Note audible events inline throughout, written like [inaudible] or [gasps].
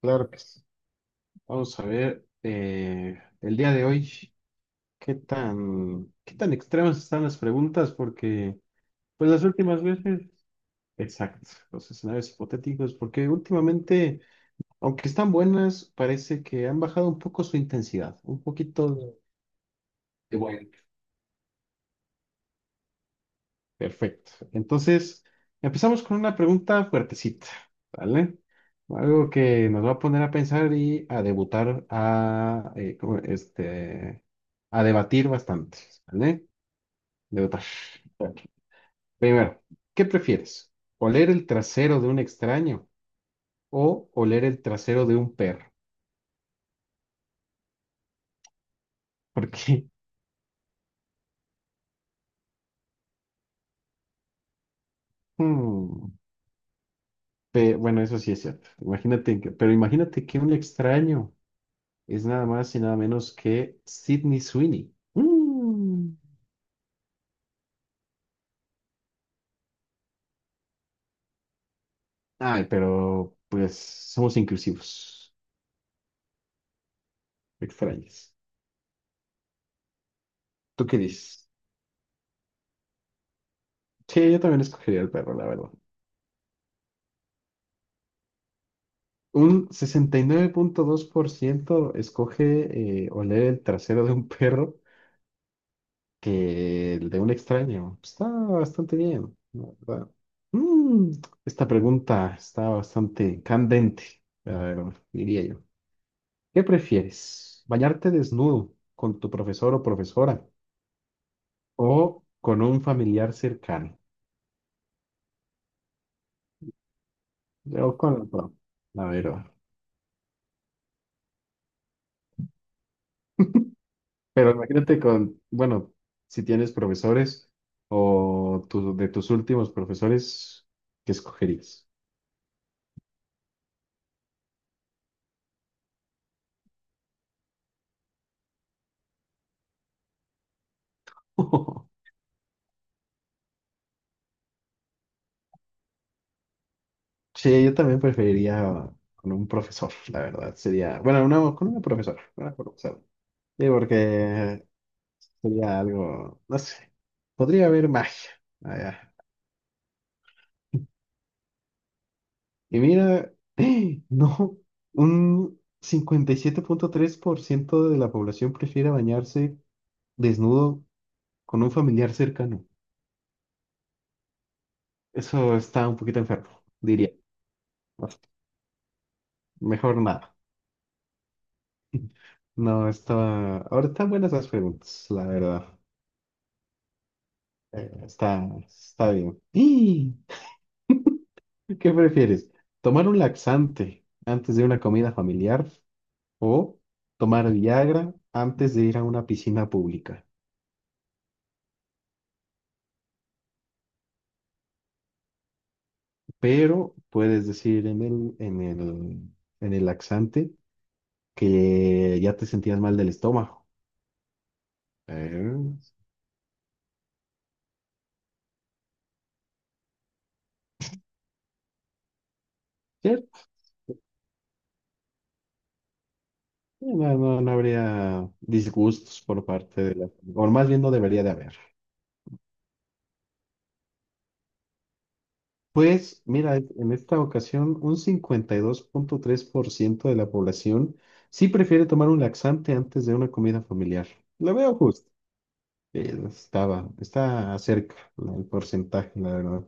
Claro que sí. Vamos a ver el día de hoy qué tan extremas están las preguntas, porque pues las últimas veces, exacto, los escenarios hipotéticos, porque últimamente, aunque están buenas, parece que han bajado un poco su intensidad, un poquito de. Perfecto. Entonces, empezamos con una pregunta fuertecita, ¿vale? Algo que nos va a poner a pensar y a debutar, a, ¿cómo? Este, a debatir bastante, ¿vale? Debutar. Ok. Primero, ¿qué prefieres? ¿Oler el trasero de un extraño o oler el trasero de un perro? Porque, [laughs] hmm, bueno, eso sí es cierto. Imagínate que, pero imagínate que un extraño es nada más y nada menos que Sydney Sweeney. Mm. Ay, pero pues somos inclusivos, extraños. ¿Tú qué dices? Sí, yo también escogería el perro, la verdad. Un 69.2% escoge oler el trasero de un perro que el de un extraño. Está bastante bien, la verdad. Mm, Esta pregunta está bastante candente, la verdad, diría yo. ¿Qué prefieres? ¿Bañarte desnudo con tu profesor o profesora o con un familiar cercano? Yo con la pro-, la verdad. Pero imagínate con, bueno, si tienes profesores o de tus últimos profesores, ¿qué escogerías? [laughs] Sí, yo también preferiría con un profesor, la verdad. Sería, bueno, una con una profesora, una profesora. Sí, porque sería algo, no sé, podría haber magia allá. Y mira, [clears throat] [gasps] no, un 57.3% de la población prefiere bañarse desnudo con un familiar cercano. Eso está un poquito enfermo, diría. Mejor nada. [laughs] No, está... Ahora están buenas las preguntas, la verdad. Está bien. ¡Y! ¿Qué prefieres? ¿Tomar un laxante antes de una comida familiar o tomar Viagra antes de ir a una piscina pública? Pero puedes decir en el, en el laxante que ya te sentías mal del estómago. Eh, ¿Cierto? No, no, no habría disgustos por parte de la... O más bien no debería de haber. Pues mira, en esta ocasión un 52.3% de la población sí prefiere tomar un laxante antes de una comida familiar. Lo veo justo. Está cerca el porcentaje, la verdad.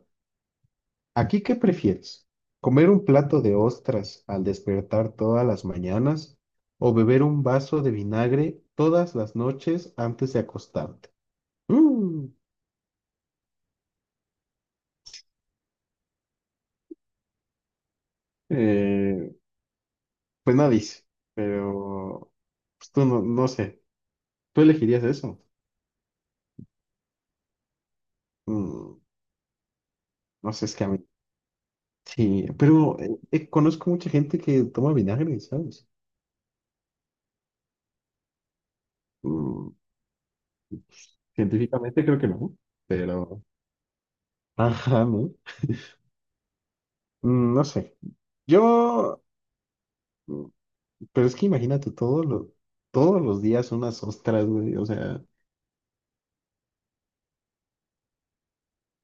¿Aquí qué prefieres? ¿Comer un plato de ostras al despertar todas las mañanas o beber un vaso de vinagre todas las noches antes de acostarte? Mm, eh, pues no dice, pero pues tú no, no sé, ¿tú elegirías eso? Mm, no sé, es que a mí sí, pero conozco mucha gente que toma vinagre, ¿sabes? Mm, científicamente creo que no, pero... Ajá, ¿no? Mm, no sé. Yo Pero es que imagínate todo todos los días unas ostras, güey, o sea,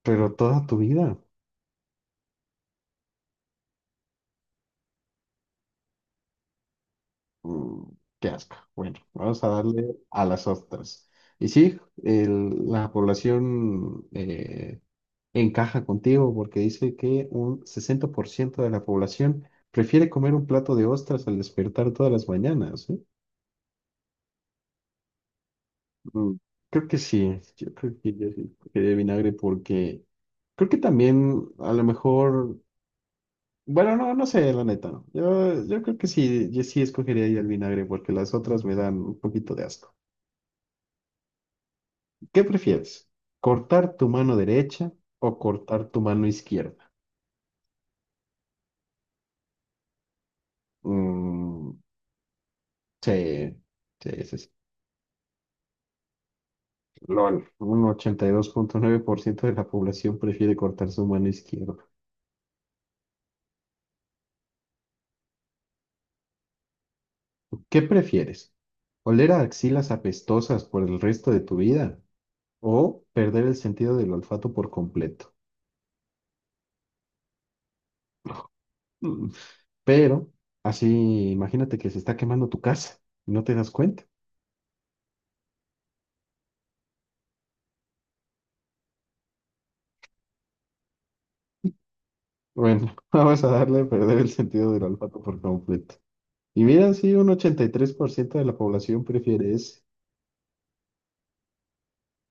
pero toda tu vida. Mm, qué asco. Bueno, vamos a darle a las ostras. Y sí, la población encaja contigo porque dice que un 60% de la población prefiere comer un plato de ostras al despertar todas las mañanas, ¿eh? Mm, Creo que sí, yo creo que yo sí, que de vinagre porque creo que también a lo mejor, bueno, no, no sé, la neta, no. Yo creo que sí, yo sí escogería ahí el vinagre porque las otras me dan un poquito de asco. ¿Qué prefieres? ¿Cortar tu mano derecha o cortar tu mano izquierda? Mm, sí, sí, sí, sí. LOL, un 82.9% de la población prefiere cortar su mano izquierda. ¿Qué prefieres? ¿Oler a axilas apestosas por el resto de tu vida o perder el sentido del olfato por completo? Pero así, imagínate que se está quemando tu casa y no te das cuenta. Bueno, [laughs] vamos a darle a perder el sentido del olfato por completo. Y mira, sí, un 83% de la población prefiere ese.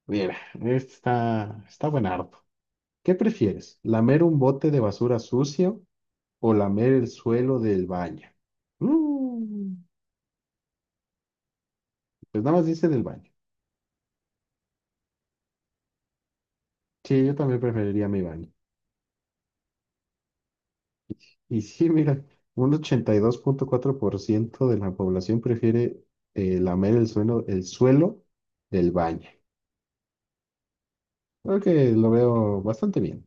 Mira, este está buen harto. ¿Qué prefieres? ¿Lamer un bote de basura sucio o lamer el suelo del baño? Mm, pues nada más dice del baño. Sí, yo también preferiría mi baño. Y sí, mira, un 82.4% de la población prefiere lamer el suelo del baño. Creo que lo veo bastante bien.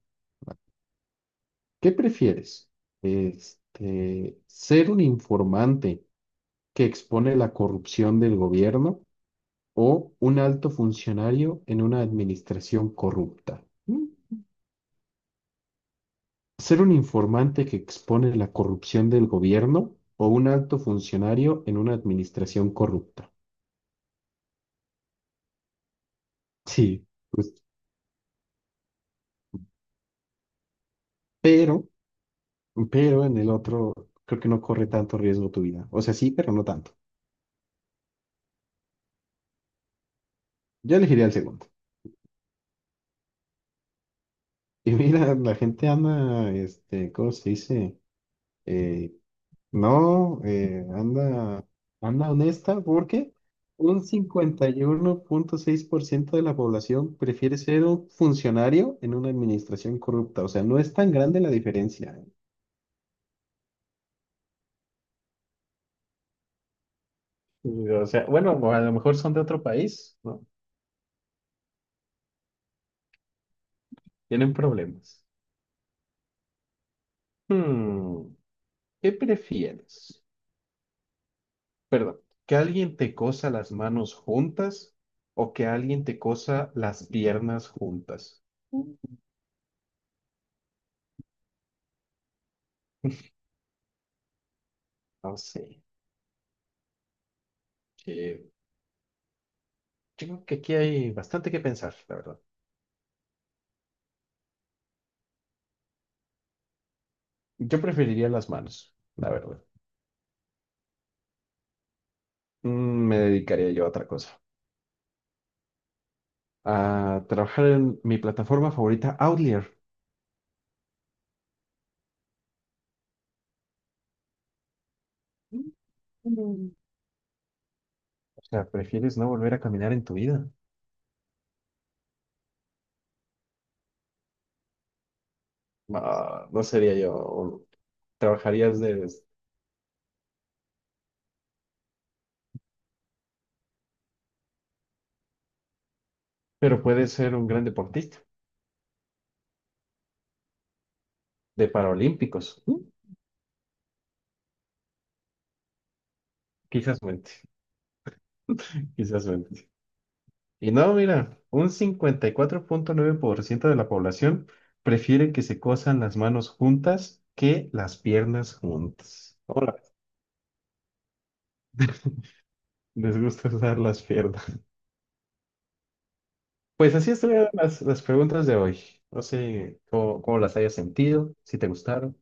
¿Qué prefieres? Este, ¿ser un informante que expone la corrupción del gobierno o un alto funcionario en una administración corrupta? ¿Mm? ¿Ser un informante que expone la corrupción del gobierno o un alto funcionario en una administración corrupta? Sí, pues, pero, pero en el otro creo que no corre tanto riesgo tu vida. O sea, sí, pero no tanto. Yo elegiría el segundo. [laughs] Y mira, la gente anda, este, ¿cómo se dice? Eh, no, anda honesta porque un 51.6% de la población prefiere ser un funcionario en una administración corrupta. O sea, no es tan grande la diferencia. O sea, bueno, a lo mejor son de otro país, ¿no? Tienen problemas. Hmm. ¿Qué prefieres? Perdón, ¿que alguien te cosa las manos juntas o que alguien te cosa las piernas juntas? Mm. No sé. eh, yo creo que aquí hay bastante que pensar, la verdad. Yo preferiría las manos, la verdad. Mm, Me dedicaría yo a otra cosa. A trabajar en mi plataforma favorita, Outlier. Mm. O sea, ¿prefieres no volver a caminar en tu vida? No, no sería yo. Trabajarías de... Pero puedes ser un gran deportista. De Paralímpicos. Quizás mente, quizás mente. Y no, mira, un 54.9% de la población prefiere que se cosan las manos juntas que las piernas juntas. Hola, les gusta usar las piernas. Pues así estuvieron las preguntas de hoy. No sé cómo las hayas sentido, si te gustaron.